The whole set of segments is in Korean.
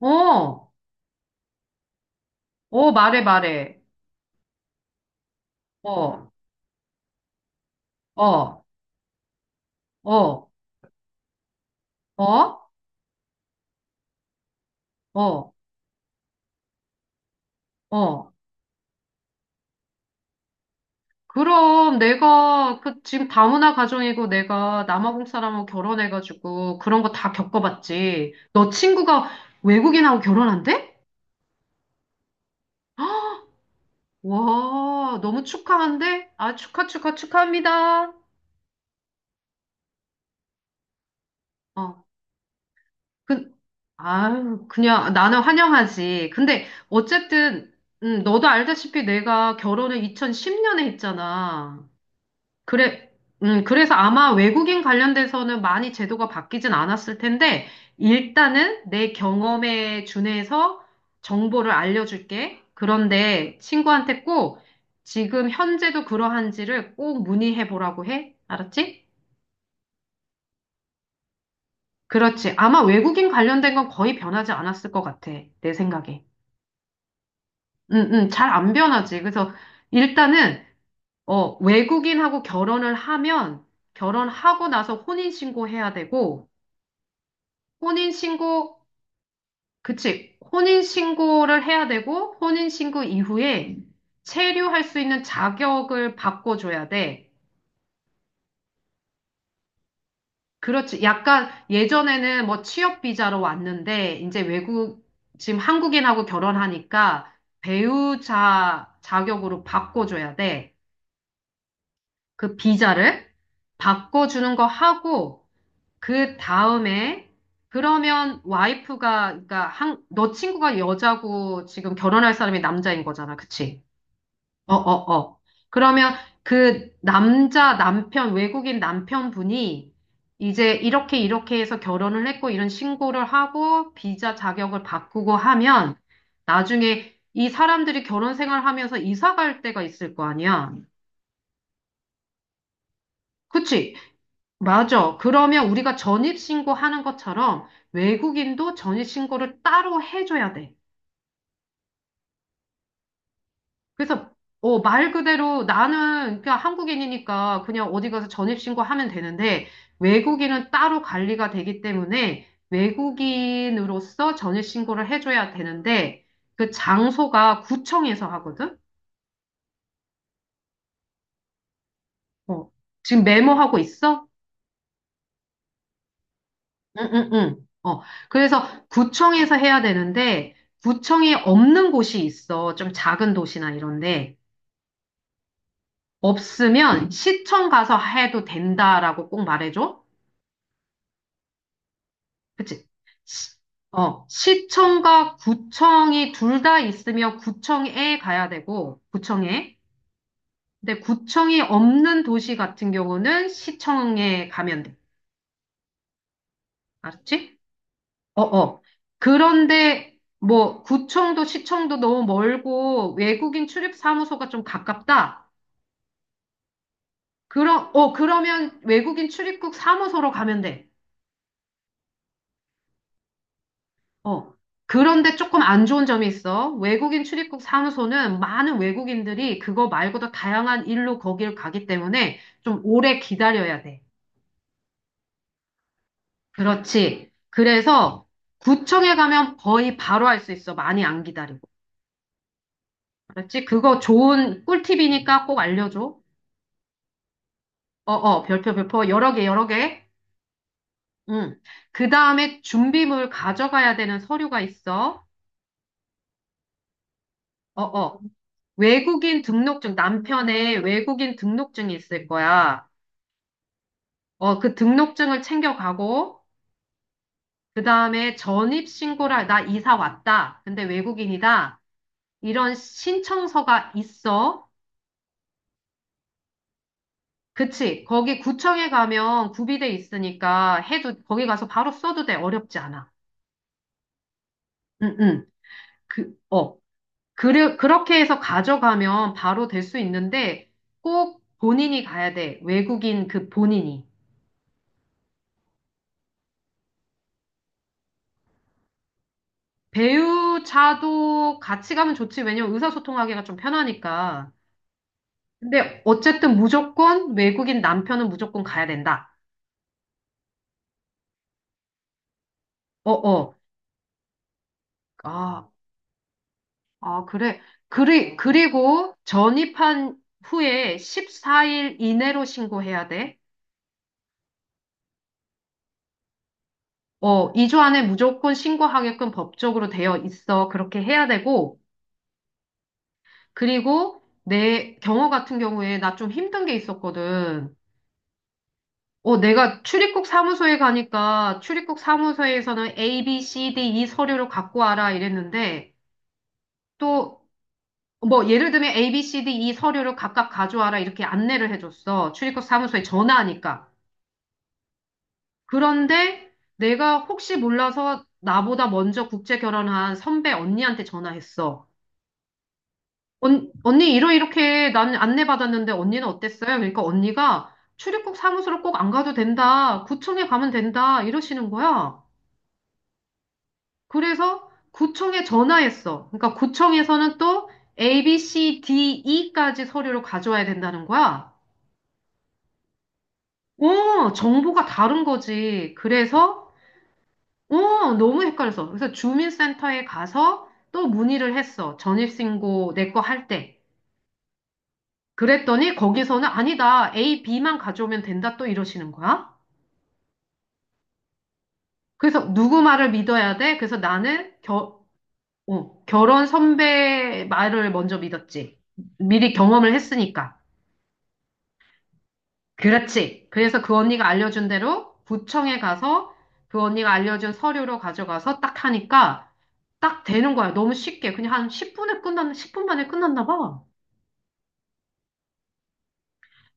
어, 어, 말해, 말해. 어, 어, 어, 어, 어, 어. 그럼 내가 그 지금 다문화 가정이고 내가 남아공 사람하고 결혼해가지고 그런 거 다 겪어봤지. 너 친구가 외국인하고 결혼한대? 와, 너무 축하한데? 아, 축하, 축하, 축하합니다. 어, 그, 아유, 그냥 나는 환영하지. 근데 어쨌든, 너도 알다시피 내가 결혼을 2010년에 했잖아. 그래, 그래서 아마 외국인 관련돼서는 많이 제도가 바뀌진 않았을 텐데, 일단은 내 경험에 준해서 정보를 알려줄게. 그런데 친구한테 꼭 지금 현재도 그러한지를 꼭 문의해 보라고 해. 알았지? 그렇지. 아마 외국인 관련된 건 거의 변하지 않았을 것 같아. 내 생각에. 응, 응, 잘 안 변하지. 그래서 일단은, 어, 외국인하고 결혼을 하면, 결혼하고 나서 혼인신고해야 되고, 혼인신고, 그치. 혼인신고를 해야 되고, 혼인신고 이후에 체류할 수 있는 자격을 바꿔줘야 돼. 그렇지. 약간 예전에는 뭐 취업비자로 왔는데, 이제 지금 한국인하고 결혼하니까 배우자 자격으로 바꿔줘야 돼. 그 비자를 바꿔주는 거 하고, 그 다음에 그러면 와이프가 그러니까 한, 너 친구가 여자고 지금 결혼할 사람이 남자인 거잖아. 그치? 어, 어, 어. 그러면 그 남자 남편 외국인 남편분이 이제 이렇게 이렇게 해서 결혼을 했고 이런 신고를 하고 비자 자격을 바꾸고 하면 나중에 이 사람들이 결혼 생활하면서 이사 갈 때가 있을 거 아니야. 그치? 맞아. 그러면 우리가 전입신고 하는 것처럼 외국인도 전입신고를 따로 해줘야 돼. 그래서, 어, 말 그대로 나는 그냥 한국인이니까 그냥 어디 가서 전입신고 하면 되는데 외국인은 따로 관리가 되기 때문에 외국인으로서 전입신고를 해줘야 되는데 그 장소가 구청에서 하거든? 어, 지금 메모하고 있어? 응, 응, 응. 어, 그래서 구청에서 해야 되는데, 구청이 없는 곳이 있어. 좀 작은 도시나 이런데. 없으면 시청 가서 해도 된다라고 꼭 말해줘. 그치? 시- 어, 시청과 구청이 둘 다 있으면 구청에 가야 되고, 구청에. 근데 구청이 없는 도시 같은 경우는 시청에 가면 돼. 알았지? 어, 어. 그런데 뭐 구청도 시청도 너무 멀고 외국인 출입 사무소가 좀 가깝다. 그러면 외국인 출입국 사무소로 가면 돼. 어. 그런데 조금 안 좋은 점이 있어. 외국인 출입국 사무소는 많은 외국인들이 그거 말고도 다양한 일로 거길 가기 때문에 좀 오래 기다려야 돼. 그렇지. 그래서 구청에 가면 거의 바로 할 수 있어. 많이 안 기다리고. 그렇지? 그거 좋은 꿀팁이니까 꼭 알려줘. 어, 어, 별표, 별표, 여러 개, 여러 개. 응. 그 다음에 준비물 가져가야 되는 서류가 있어. 어, 어. 외국인 등록증, 남편의 외국인 등록증이 있을 거야. 어, 그 등록증을 챙겨가고, 그 다음에 전입신고를, 나 이사 왔다. 근데 외국인이다. 이런 신청서가 있어. 그치. 거기 구청에 가면 구비돼 있으니까 해도, 거기 가서 바로 써도 돼. 어렵지 않아. 응, 응. 그, 어. 그렇게 해서 가져가면 바로 될 수 있는데 꼭 본인이 가야 돼. 외국인 그 본인이. 배우자도 같이 가면 좋지. 왜냐면 의사소통하기가 좀 편하니까. 근데 어쨌든 무조건 외국인 남편은 무조건 가야 된다. 어, 어. 아, 아, 그래. 그리고 전입한 후에 14일 이내로 신고해야 돼. 어, 2주 안에 무조건 신고하게끔 법적으로 되어 있어. 그렇게 해야 되고, 그리고 내 경우 같은 경우에 나 좀 힘든 게 있었거든. 어, 내가 출입국 사무소에 가니까 출입국 사무소에서는 A, B, C, D, E 서류를 갖고 와라 이랬는데 또 뭐 예를 들면 A, B, C, D, E 서류를 각각 가져와라 이렇게 안내를 해줬어. 출입국 사무소에 전화하니까. 그런데 내가 혹시 몰라서 나보다 먼저 국제 결혼한 선배 언니한테 전화했어. 언니 이러 이렇게 난 안내받았는데 언니는 어땠어요? 그러니까 언니가 출입국 사무소로 꼭 안 가도 된다. 구청에 가면 된다. 이러시는 거야. 그래서 구청에 전화했어. 그러니까 구청에서는 또 A, B, C, D, E까지 서류를 가져와야 된다는 거야. 어, 정보가 다른 거지. 그래서 어, 너무 헷갈려서. 그래서 주민센터에 가서 또 문의를 했어. 전입신고 내 거 할 때. 그랬더니 거기서는 아니다. A, B만 가져오면 된다. 또 이러시는 거야. 그래서 누구 말을 믿어야 돼? 어, 결혼 선배 말을 먼저 믿었지. 미리 경험을 했으니까. 그렇지. 그래서 그 언니가 알려준 대로 구청에 가서 그 언니가 알려준 서류로 가져가서 딱 하니까 딱 되는 거야. 너무 쉽게. 그냥 한 십 분에 끝났, 10분 만에 끝났나 봐.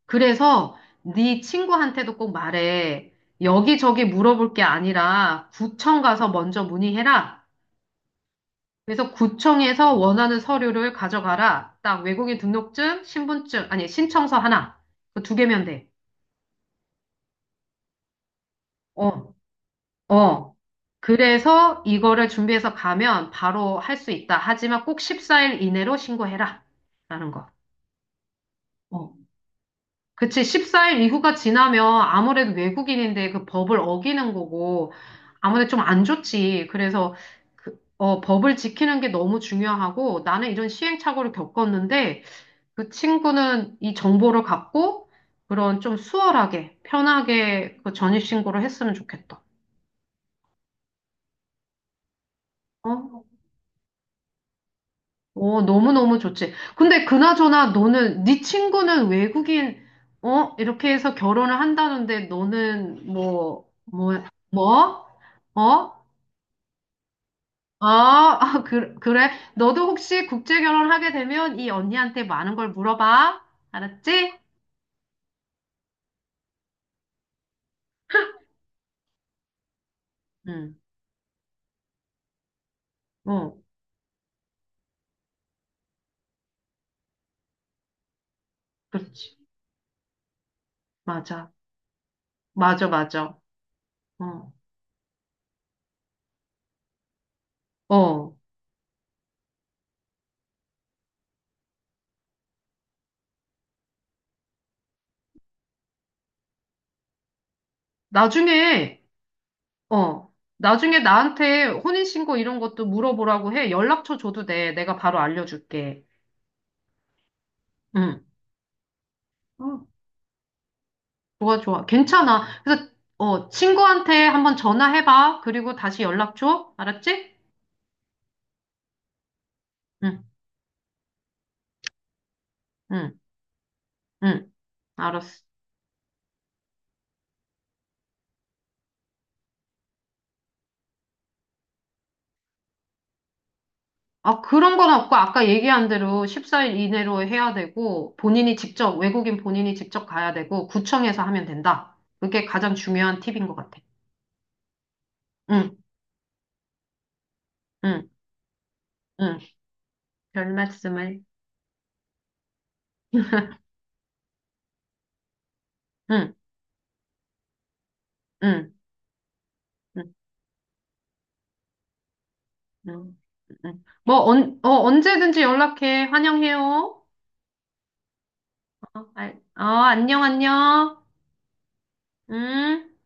그래서 네 친구한테도 꼭 말해. 여기저기 물어볼 게 아니라 구청 가서 먼저 문의해라. 그래서 구청에서 원하는 서류를 가져가라. 딱 외국인 등록증, 신분증, 아니, 신청서 하나. 그 두 개면 돼. 어, 어. 그래서 이거를 준비해서 가면 바로 할 수 있다. 하지만 꼭 14일 이내로 신고해라. 라는 거. 어. 그치, 14일 이후가 지나면 아무래도 외국인인데 그 법을 어기는 거고, 아무래도 좀 안 좋지. 그래서 그, 어, 법을 지키는 게 너무 중요하고, 나는 이런 시행착오를 겪었는데, 그 친구는 이 정보를 갖고, 그런 좀 수월하게, 편하게 그 전입신고를 했으면 좋겠다. 어? 오, 너무너무 좋지. 근데 그나저나 너는, 네 친구는 외국인, 어? 이렇게 해서 결혼을 한다는데 너는 뭐, 뭐, 뭐? 어? 아, 아, 그, 그래. 너도 혹시 국제 결혼하게 되면 이 언니한테 많은 걸 물어봐. 알았지? 응, 어, 그렇지. 맞아. 맞아, 맞아. 어, 어. 나중에, 어. 나중에 나한테 혼인신고 이런 것도 물어보라고 해. 연락처 줘도 돼. 내가 바로 알려줄게. 응. 어, 좋아, 좋아. 괜찮아. 그래서, 어, 친구한테 한번 전화해봐. 그리고 다시 연락 줘. 알았지? 응, 응, 응. 알았어. 아, 그런 건 없고, 아까 얘기한 대로 14일 이내로 해야 되고, 본인이 직접, 외국인 본인이 직접 가야 되고, 구청에서 하면 된다. 그게 가장 중요한 팁인 것 같아. 응, 응, 응. 별 말씀을. 응, 응, 응, 응. 응. 응. 뭐, 언제든지 연락해. 환영해요. 어, 어, 안녕, 안녕. 응?